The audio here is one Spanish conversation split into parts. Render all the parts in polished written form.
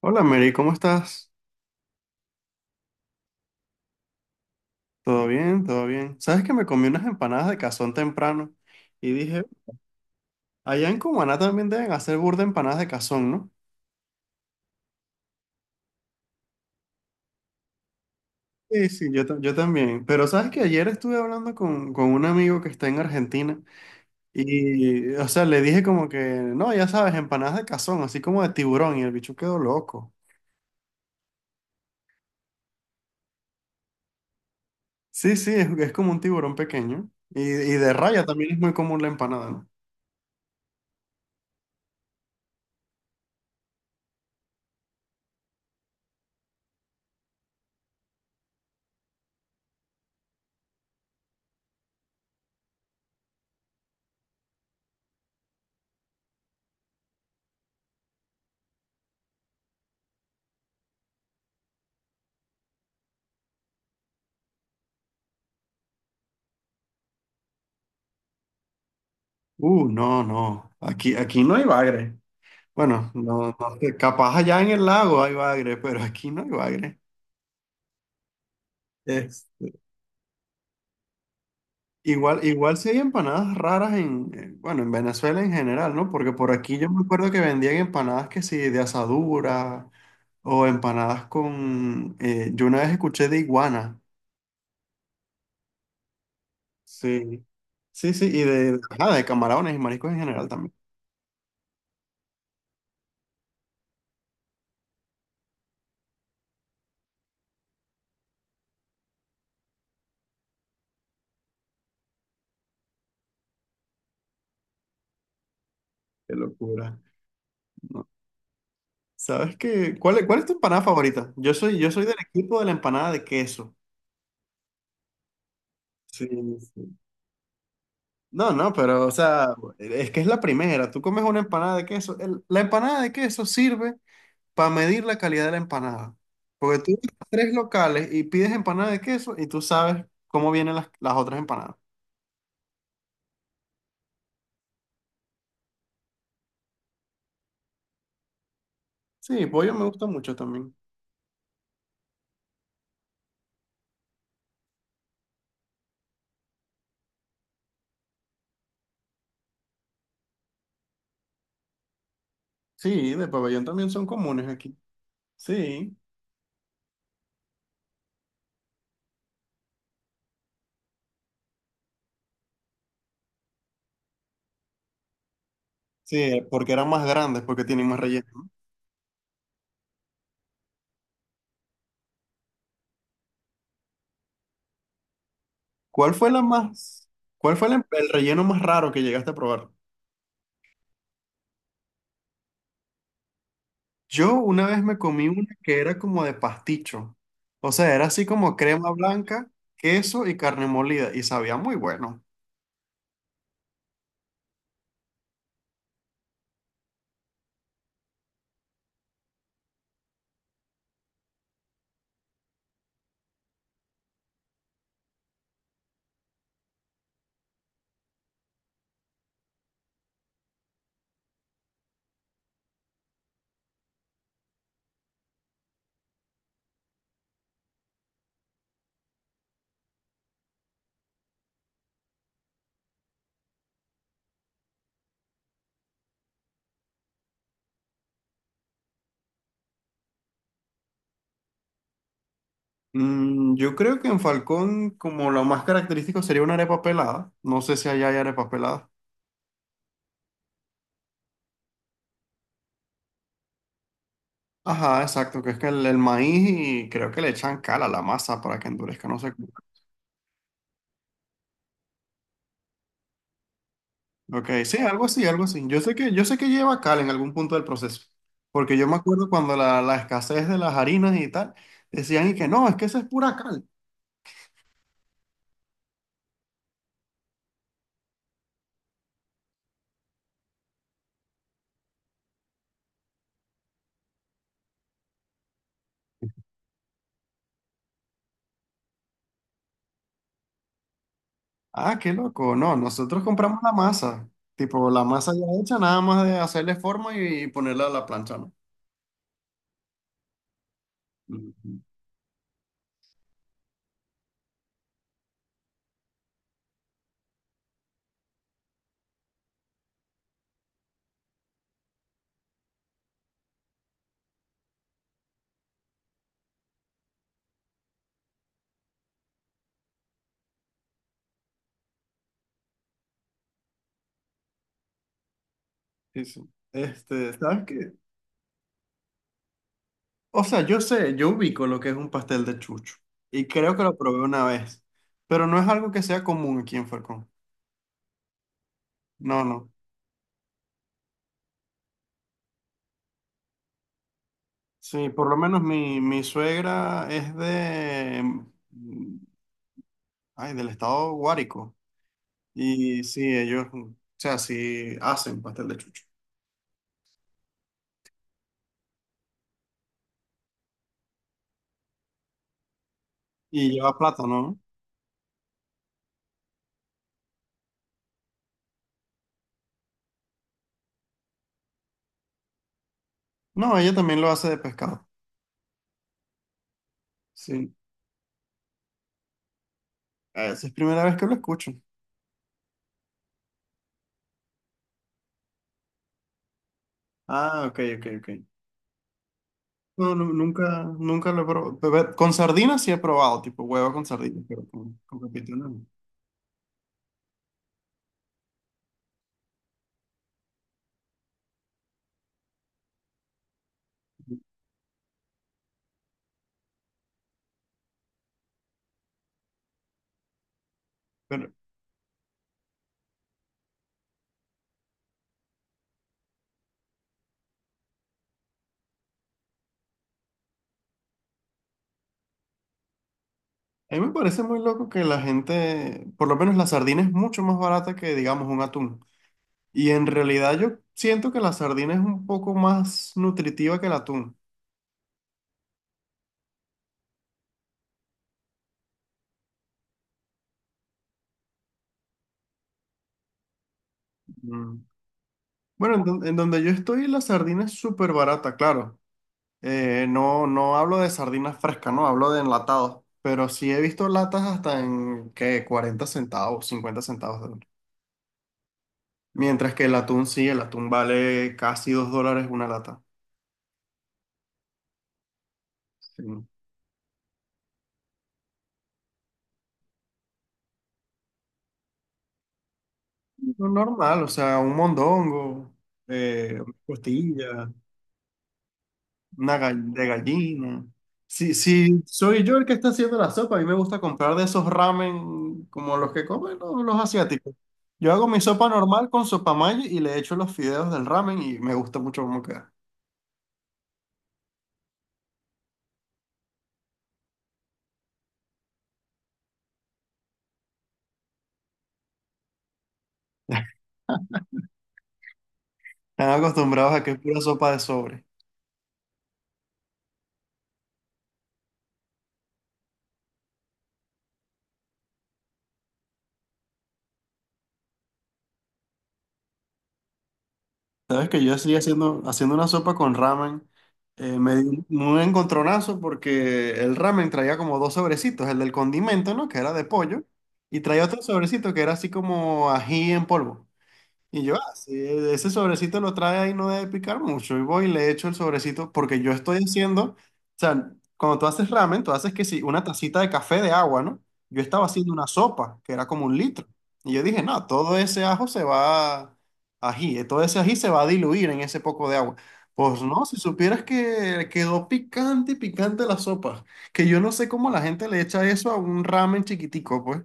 Hola Mary, ¿cómo estás? ¿Todo bien? ¿Todo bien? Sabes que me comí unas empanadas de cazón temprano y dije, allá en Cumaná también deben hacer burda empanadas de cazón, ¿no? Sí, sí, yo también. Pero sabes que ayer estuve hablando con un amigo que está en Argentina y, o sea, le dije como que, no, ya sabes, empanadas de cazón, así como de tiburón y el bicho quedó loco. Sí, sí, es como un tiburón pequeño y de raya también es muy común la empanada, ¿no? No, no, aquí no hay bagre. Bueno, no, no sé, capaz allá en el lago hay bagre, pero aquí no hay bagre. Es, Igual, igual sí hay empanadas raras bueno, en Venezuela en general, ¿no? Porque por aquí yo me acuerdo que vendían empanadas que sí, de asadura o empanadas con, yo una vez escuché de iguana, sí, sí, sí, y de, ajá, de camarones y mariscos en general también. Qué locura, ¿no? ¿Sabes qué? ¿ Cuál es tu empanada favorita? Yo soy del equipo de la empanada de queso. Sí, no, no, pero, o sea, es que es la primera. Tú comes una empanada de queso. La empanada de queso sirve para medir la calidad de la empanada. Porque tú vas a tres locales y pides empanada de queso y tú sabes cómo vienen las otras empanadas. Sí, pollo me gusta mucho también. Sí, de pabellón también son comunes aquí. Sí, sí, porque eran más grandes, porque tienen más relleno. ¿Cuál fue la más, Cuál fue el relleno más raro que llegaste a probar? Yo una vez me comí una que era como de pasticho. O sea, era así como crema blanca, queso y carne molida y sabía muy bueno. Yo creo que en Falcón como lo más característico sería una arepa pelada. No sé si allá hay arepa pelada. Ajá, exacto, que es que el maíz y creo que le echan cal a la masa para que endurezca, no sé cómo. Ok, sí, algo así, algo así. Yo sé que lleva cal en algún punto del proceso, porque yo me acuerdo cuando la escasez de las harinas y tal, decían y que no, es que esa es pura cal. Ah, qué loco. No, nosotros compramos la masa. Tipo, la masa ya hecha, nada más de hacerle forma y ponerla a la plancha, ¿no? Ujú. Sí, sí. Este, ¿sabes qué? O sea, yo sé, yo ubico lo que es un pastel de chucho. Y creo que lo probé una vez. Pero no es algo que sea común aquí en Falcón. No, no. Sí, por lo menos mi suegra es de... mm, ay, del estado Guárico. Y sí, ellos, o sea, sí hacen pastel de chucho. Y lleva plátano, ¿no? No, ella también lo hace de pescado. Sí. Ah, esa es primera vez que lo escucho. Ah, ok, ok, ok. No, nunca, nunca lo he probado. Con sardinas sí he probado, tipo huevo con sardinas, pero con pepita no. Pero a mí me parece muy loco que la gente, por lo menos la sardina es mucho más barata que, digamos, un atún. Y en realidad yo siento que la sardina es un poco más nutritiva que el atún. Mm. Bueno, en donde yo estoy la sardina es súper barata, claro. No, no hablo de sardinas frescas, no, hablo de enlatados. Pero sí he visto latas hasta en que 40 centavos, 50 centavos de dólar. Mientras que el atún sí, el atún vale casi 2 dólares una lata. Sí. Lo normal, o sea, un mondongo, una costilla. De gallina. Si, si soy yo el que está haciendo la sopa, a mí me gusta comprar de esos ramen como los que comen los asiáticos. Yo hago mi sopa normal con sopa mayo y le echo los fideos del ramen y me gusta mucho cómo queda. Están acostumbrados a que es pura sopa de sobre. Sabes que yo estoy haciendo una sopa con ramen. Eh, me di un encontronazo porque el ramen traía como dos sobrecitos, el del condimento, ¿no? Que era de pollo, y traía otro sobrecito que era así como ají en polvo. Y yo, ah, sí, ese sobrecito lo trae ahí, no debe picar mucho. Y voy y le echo el sobrecito porque yo estoy haciendo, o sea, cuando tú haces ramen, tú haces que sí, una tacita de café de agua, ¿no? Yo estaba haciendo una sopa que era como un litro. Y yo dije, no, todo ese ajo se va, ají, todo ese ají se va a diluir en ese poco de agua. Pues no, si supieras que quedó picante y picante la sopa, que yo no sé cómo la gente le echa eso a un ramen chiquitico, pues.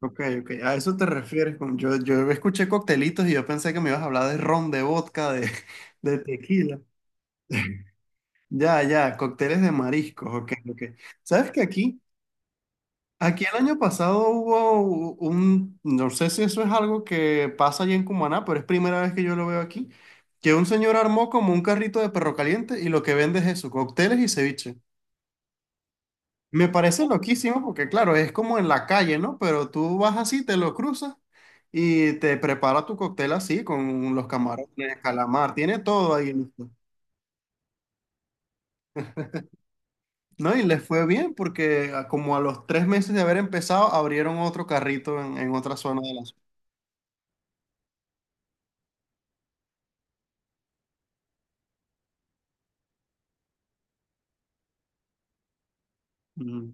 Ok, ok. A eso te refieres con... yo escuché coctelitos y yo pensé que me ibas a hablar de ron, de vodka, de, de tequila. Ya, ya, cócteles de mariscos, ok, ok. ¿Sabes que aquí, aquí el año pasado hubo un, no sé si eso es algo que pasa allá en Cumaná, pero es primera vez que yo lo veo aquí, que un señor armó como un carrito de perro caliente y lo que vende es eso, cócteles y ceviche. Me parece loquísimo porque, claro, es como en la calle, ¿no? Pero tú vas así, te lo cruzas y te prepara tu cóctel así, con los camarones, calamar, tiene todo ahí listo. ¿No? Y les fue bien porque como a los tres meses de haber empezado, abrieron otro carrito en otra zona de la ciudad. Mm.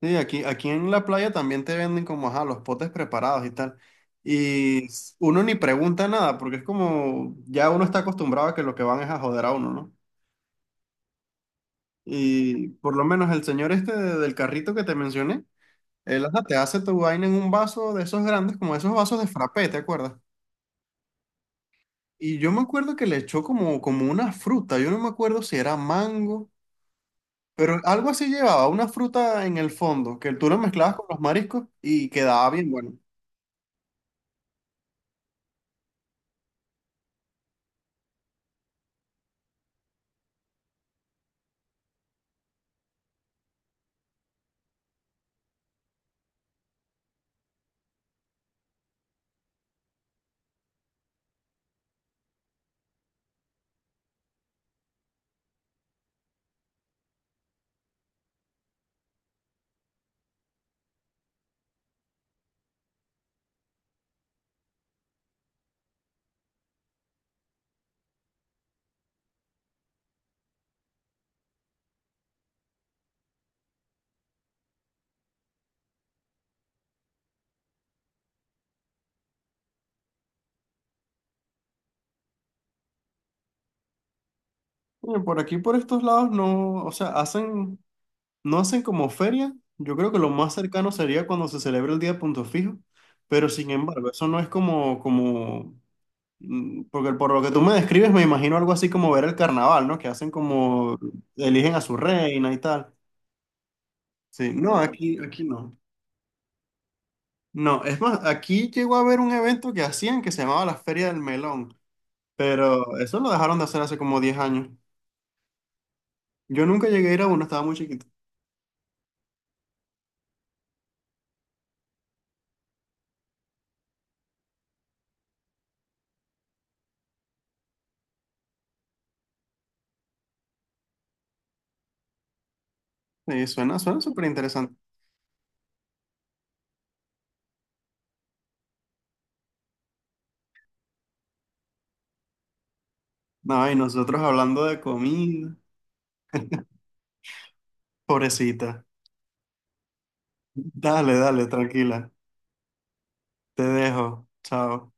Sí, aquí, aquí en la playa también te venden como, ajá, los potes preparados y tal. Y uno ni pregunta nada porque es como, ya uno está acostumbrado a que lo que van es a joder a uno, ¿no? Y por lo menos el señor este del carrito que te mencioné, él hasta te hace tu vaina en un vaso de esos grandes, como esos vasos de frappé, ¿te acuerdas? Y yo me acuerdo que le echó como, como una fruta, yo no me acuerdo si era mango, pero algo así llevaba, una fruta en el fondo, que tú lo mezclabas con los mariscos y quedaba bien bueno. Oye, por aquí, por estos lados, no, o sea, hacen, no hacen como feria, yo creo que lo más cercano sería cuando se celebra el Día de Punto Fijo, pero sin embargo, eso no es como, como mm, porque por lo que tú me describes, me imagino algo así como ver el carnaval, ¿no? Que hacen como, eligen a su reina y tal. Sí, no, aquí, aquí no. No, es más, aquí llegó a haber un evento que hacían que se llamaba la Feria del Melón, pero eso lo dejaron de hacer hace como 10 años. Yo nunca llegué a ir a uno, estaba muy chiquito. Sí, suena, suena súper interesante. No, y nosotros hablando de comida, pobrecita. Dale, dale, tranquila. Te dejo. Chao.